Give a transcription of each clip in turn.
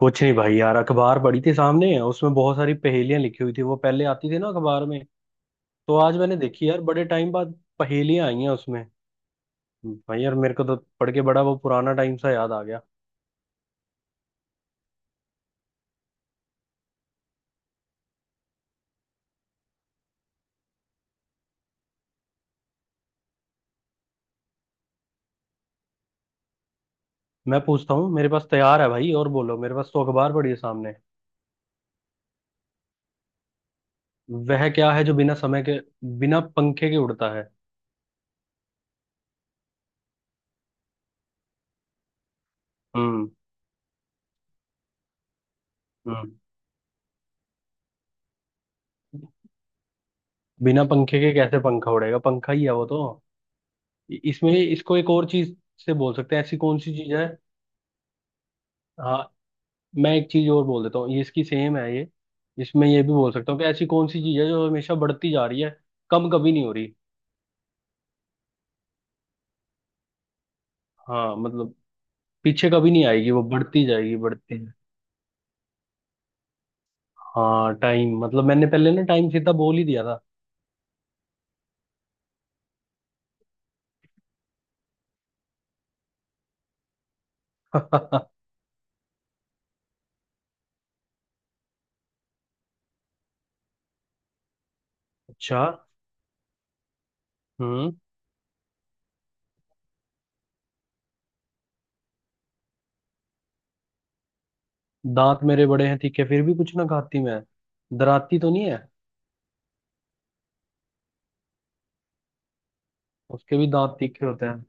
कुछ नहीं भाई, यार अखबार पड़ी थी सामने। उसमें बहुत सारी पहेलियां लिखी हुई थी। वो पहले आती थी ना अखबार में। तो आज मैंने देखी यार बड़े टाइम बाद। पहेलियां आई हैं उसमें। भाई यार मेरे को तो पढ़ के बड़ा वो पुराना टाइम सा याद आ गया। मैं पूछता हूँ, मेरे पास तैयार है भाई। और बोलो, मेरे पास तो अखबार पड़ी है सामने। वह क्या है जो बिना समय के बिना पंखे के उड़ता है? हम्म। हम्म। बिना पंखे के कैसे पंखा उड़ेगा? पंखा ही है वो तो। इसमें इसको एक और चीज से बोल सकते हैं। ऐसी कौन सी चीज है? हाँ। मैं एक चीज और बोल देता हूँ, ये इसकी सेम है ये। इसमें ये भी बोल सकता हूँ कि ऐसी कौन सी चीज है जो हमेशा बढ़ती जा रही है, कम कभी नहीं हो रही। हाँ मतलब पीछे कभी नहीं आएगी, वो बढ़ती जाएगी, बढ़ती। हाँ, टाइम मतलब मैंने पहले ना टाइम सीधा बोल ही दिया था। अच्छा। हम्म। दांत मेरे बड़े हैं तीखे, फिर भी कुछ ना खाती मैं। दराती तो नहीं है? उसके भी दांत तीखे होते हैं।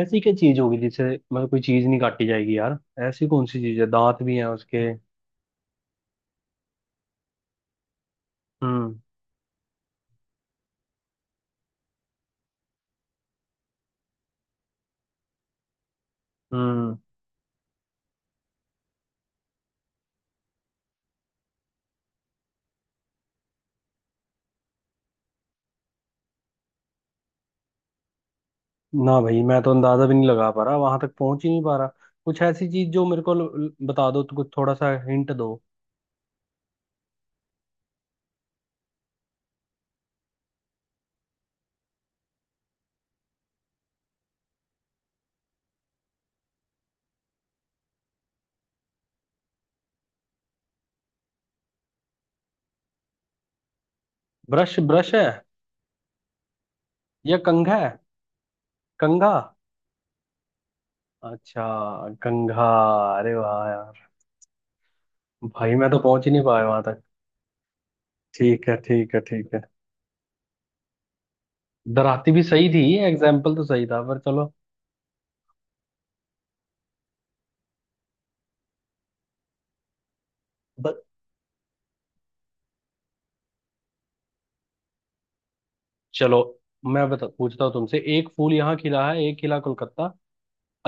ऐसी क्या चीज होगी जिससे मतलब कोई चीज नहीं काटी जाएगी यार? ऐसी कौन सी चीज है, दांत भी हैं उसके? हम्म। हम्म। ना भाई, मैं तो अंदाजा भी नहीं लगा पा रहा, वहां तक पहुंच ही नहीं पा रहा। कुछ ऐसी चीज जो मेरे को बता दो तो, कुछ थोड़ा सा हिंट दो। ब्रश ब्रश है? या कंघा है? कंघा। अच्छा। कंघा। अरे वाह यार! भाई मैं तो पहुंच ही नहीं पाया वहां तक। ठीक है ठीक है ठीक है। दराती भी सही थी, एग्जाम्पल तो सही था, पर चलो। ब- चलो, मैं बता पूछता हूँ तुमसे। एक फूल यहाँ खिला है, एक खिला कोलकाता।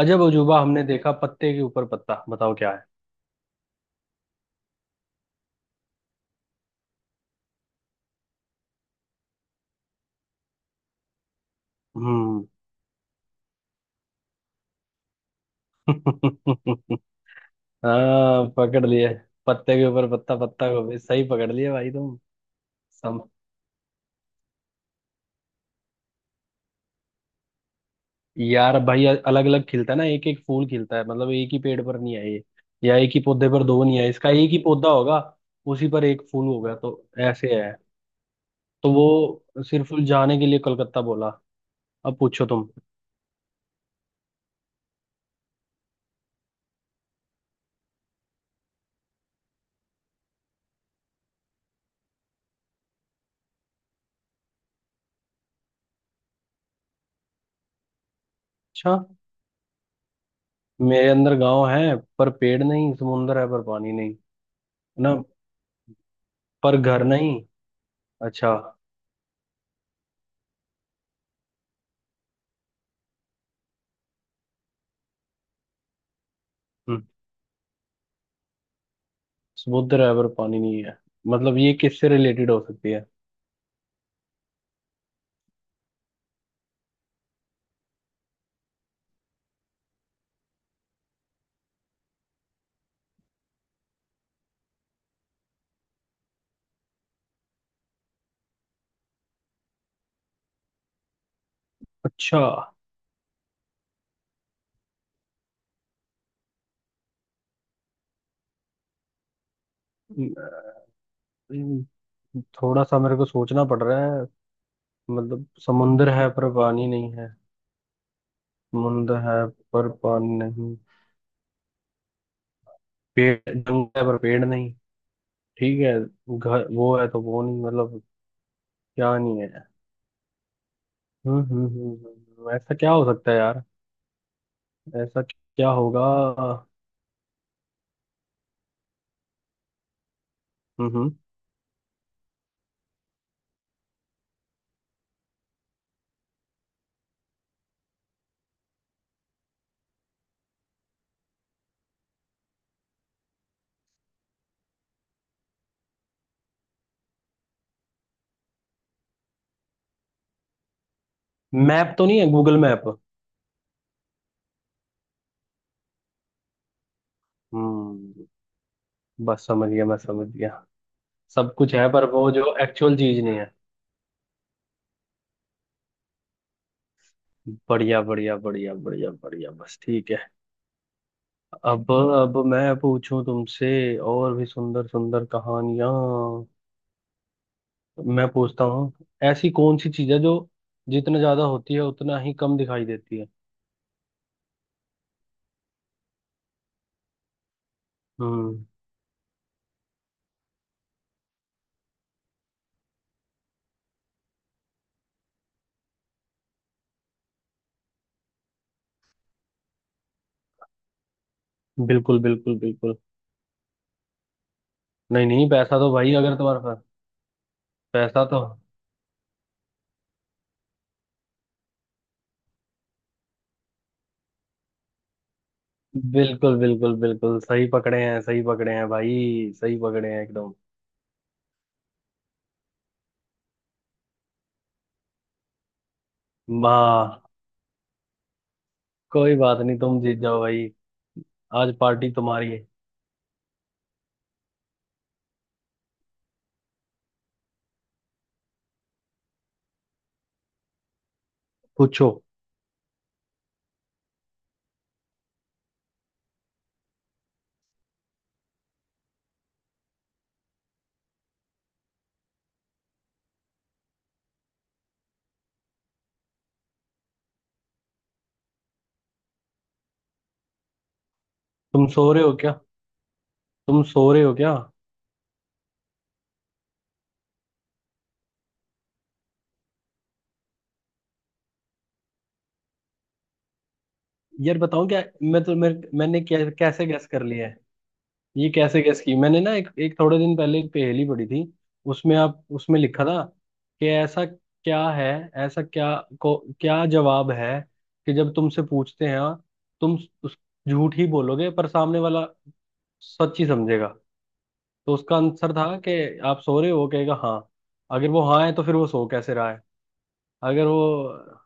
अजब अजूबा हमने देखा, पत्ते के ऊपर पत्ता। बताओ क्या है? हम्म। हाँ पकड़ लिए। पत्ते के ऊपर पत्ता, पत्ता को भी सही पकड़ लिए भाई तुम। सम, यार भाई अलग अलग खिलता है ना, एक एक फूल खिलता है। मतलब एक ही पेड़ पर नहीं है ये, या एक ही पौधे पर दो नहीं है। इसका एक ही पौधा होगा, उसी पर एक फूल होगा। तो ऐसे है। तो वो सिर्फ जाने के लिए कलकत्ता बोला। अब पूछो तुम। अच्छा। मेरे अंदर गांव है पर पेड़ नहीं, समुंदर है पर पानी नहीं। ना, पर घर नहीं। अच्छा। हम्म। समुद्र है पर पानी नहीं है। मतलब ये किससे रिलेटेड हो सकती है? अच्छा। हम्म, थोड़ा सा मेरे को सोचना पड़ रहा है। मतलब समुंदर है पर पानी नहीं है। समुंदर है पर पानी नहीं। पेड़ जंगल है पर पेड़ नहीं। ठीक है। घर वो है तो वो नहीं, मतलब क्या नहीं है? हम्म। ऐसा क्या हो सकता है यार? ऐसा क्या होगा? हम्म। मैप तो नहीं है, गूगल मैप? हम्म। बस समझ गया मैं, समझ गया। सब कुछ है पर वो जो एक्चुअल चीज नहीं है। बढ़िया बढ़िया बढ़िया बढ़िया बढ़िया, बस ठीक है। अब मैं पूछूं तुमसे और भी सुंदर सुंदर कहानियां। मैं पूछता हूँ। ऐसी कौन सी चीज है जो जितना ज्यादा होती है उतना ही कम दिखाई देती है? हम्म। बिल्कुल बिल्कुल बिल्कुल। नहीं नहीं, पैसा तो भाई अगर तुम्हारे पास, पैसा तो। बिल्कुल बिल्कुल बिल्कुल, सही पकड़े हैं, सही पकड़े हैं भाई, सही पकड़े हैं एकदम। वाह! कोई बात नहीं, तुम जीत जाओ भाई। आज पार्टी तुम्हारी है। पूछो। तुम सो रहे हो क्या? तुम सो रहे हो क्या? यार बताऊं क्या, मैंने कैसे गैस कर लिया है? ये कैसे गैस की मैंने ना, एक एक थोड़े दिन पहले एक पहेली पढ़ी थी। उसमें आप, उसमें लिखा था कि ऐसा क्या है, ऐसा क्या को क्या जवाब है, कि जब तुमसे पूछते हैं, तुम उस, झूठ ही बोलोगे पर सामने वाला सच ही समझेगा। तो उसका आंसर था कि आप सो रहे हो, कहेगा हाँ। अगर वो हाँ है तो फिर वो सो कैसे रहा है? अगर वो।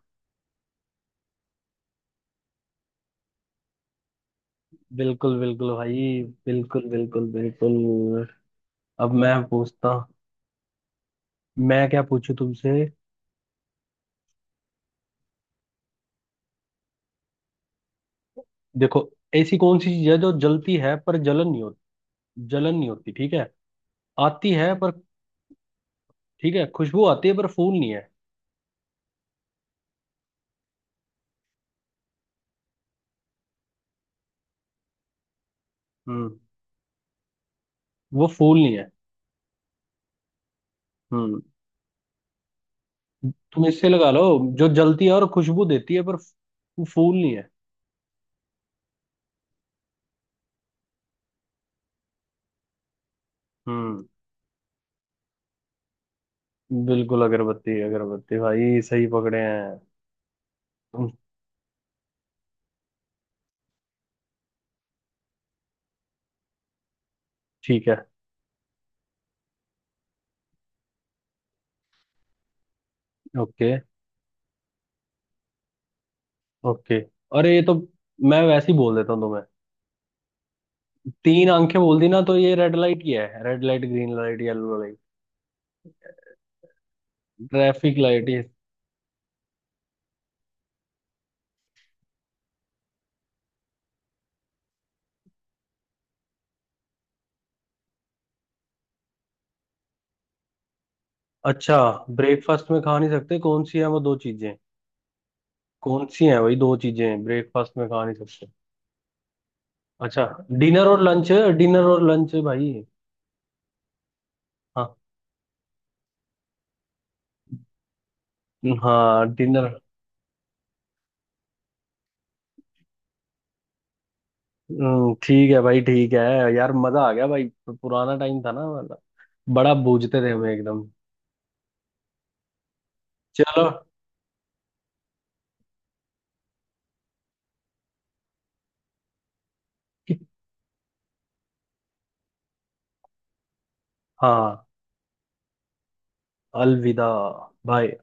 बिल्कुल बिल्कुल भाई। बिल्कुल बिल्कुल बिल्कुल। अब मैं पूछता, मैं क्या पूछूं तुमसे? देखो। ऐसी कौन सी चीज है जो जलती है पर जलन नहीं होती? जलन नहीं होती, ठीक है। आती है पर, ठीक है, खुशबू आती है पर फूल नहीं है। हम्म। वो फूल नहीं है। हम्म। तुम इससे लगा लो, जो जलती है और खुशबू देती है पर वो फूल नहीं है। हम्म। बिल्कुल, अगरबत्ती, अगरबत्ती भाई, सही पकड़े हैं तुम। ठीक है। ओके। ओके। अरे ये तो, मैं वैसे ही बोल देता हूँ तुम्हें। तीन आंखें बोल दी ना, तो ये रेड लाइट ही है, red light green light yellow light. Traffic light ये। अच्छा। ब्रेकफास्ट में खा नहीं सकते, कौन सी है वो दो चीजें? कौन सी है वही दो चीजें ब्रेकफास्ट में खा नहीं सकते? अच्छा। डिनर और लंच। डिनर और लंच भाई। हाँ। हाँ, डिनर। ठीक है भाई, ठीक है। यार मजा आ गया भाई, पुराना टाइम था ना वाला। बड़ा बूझते थे हम एकदम। चलो। हाँ। अलविदा। बाय।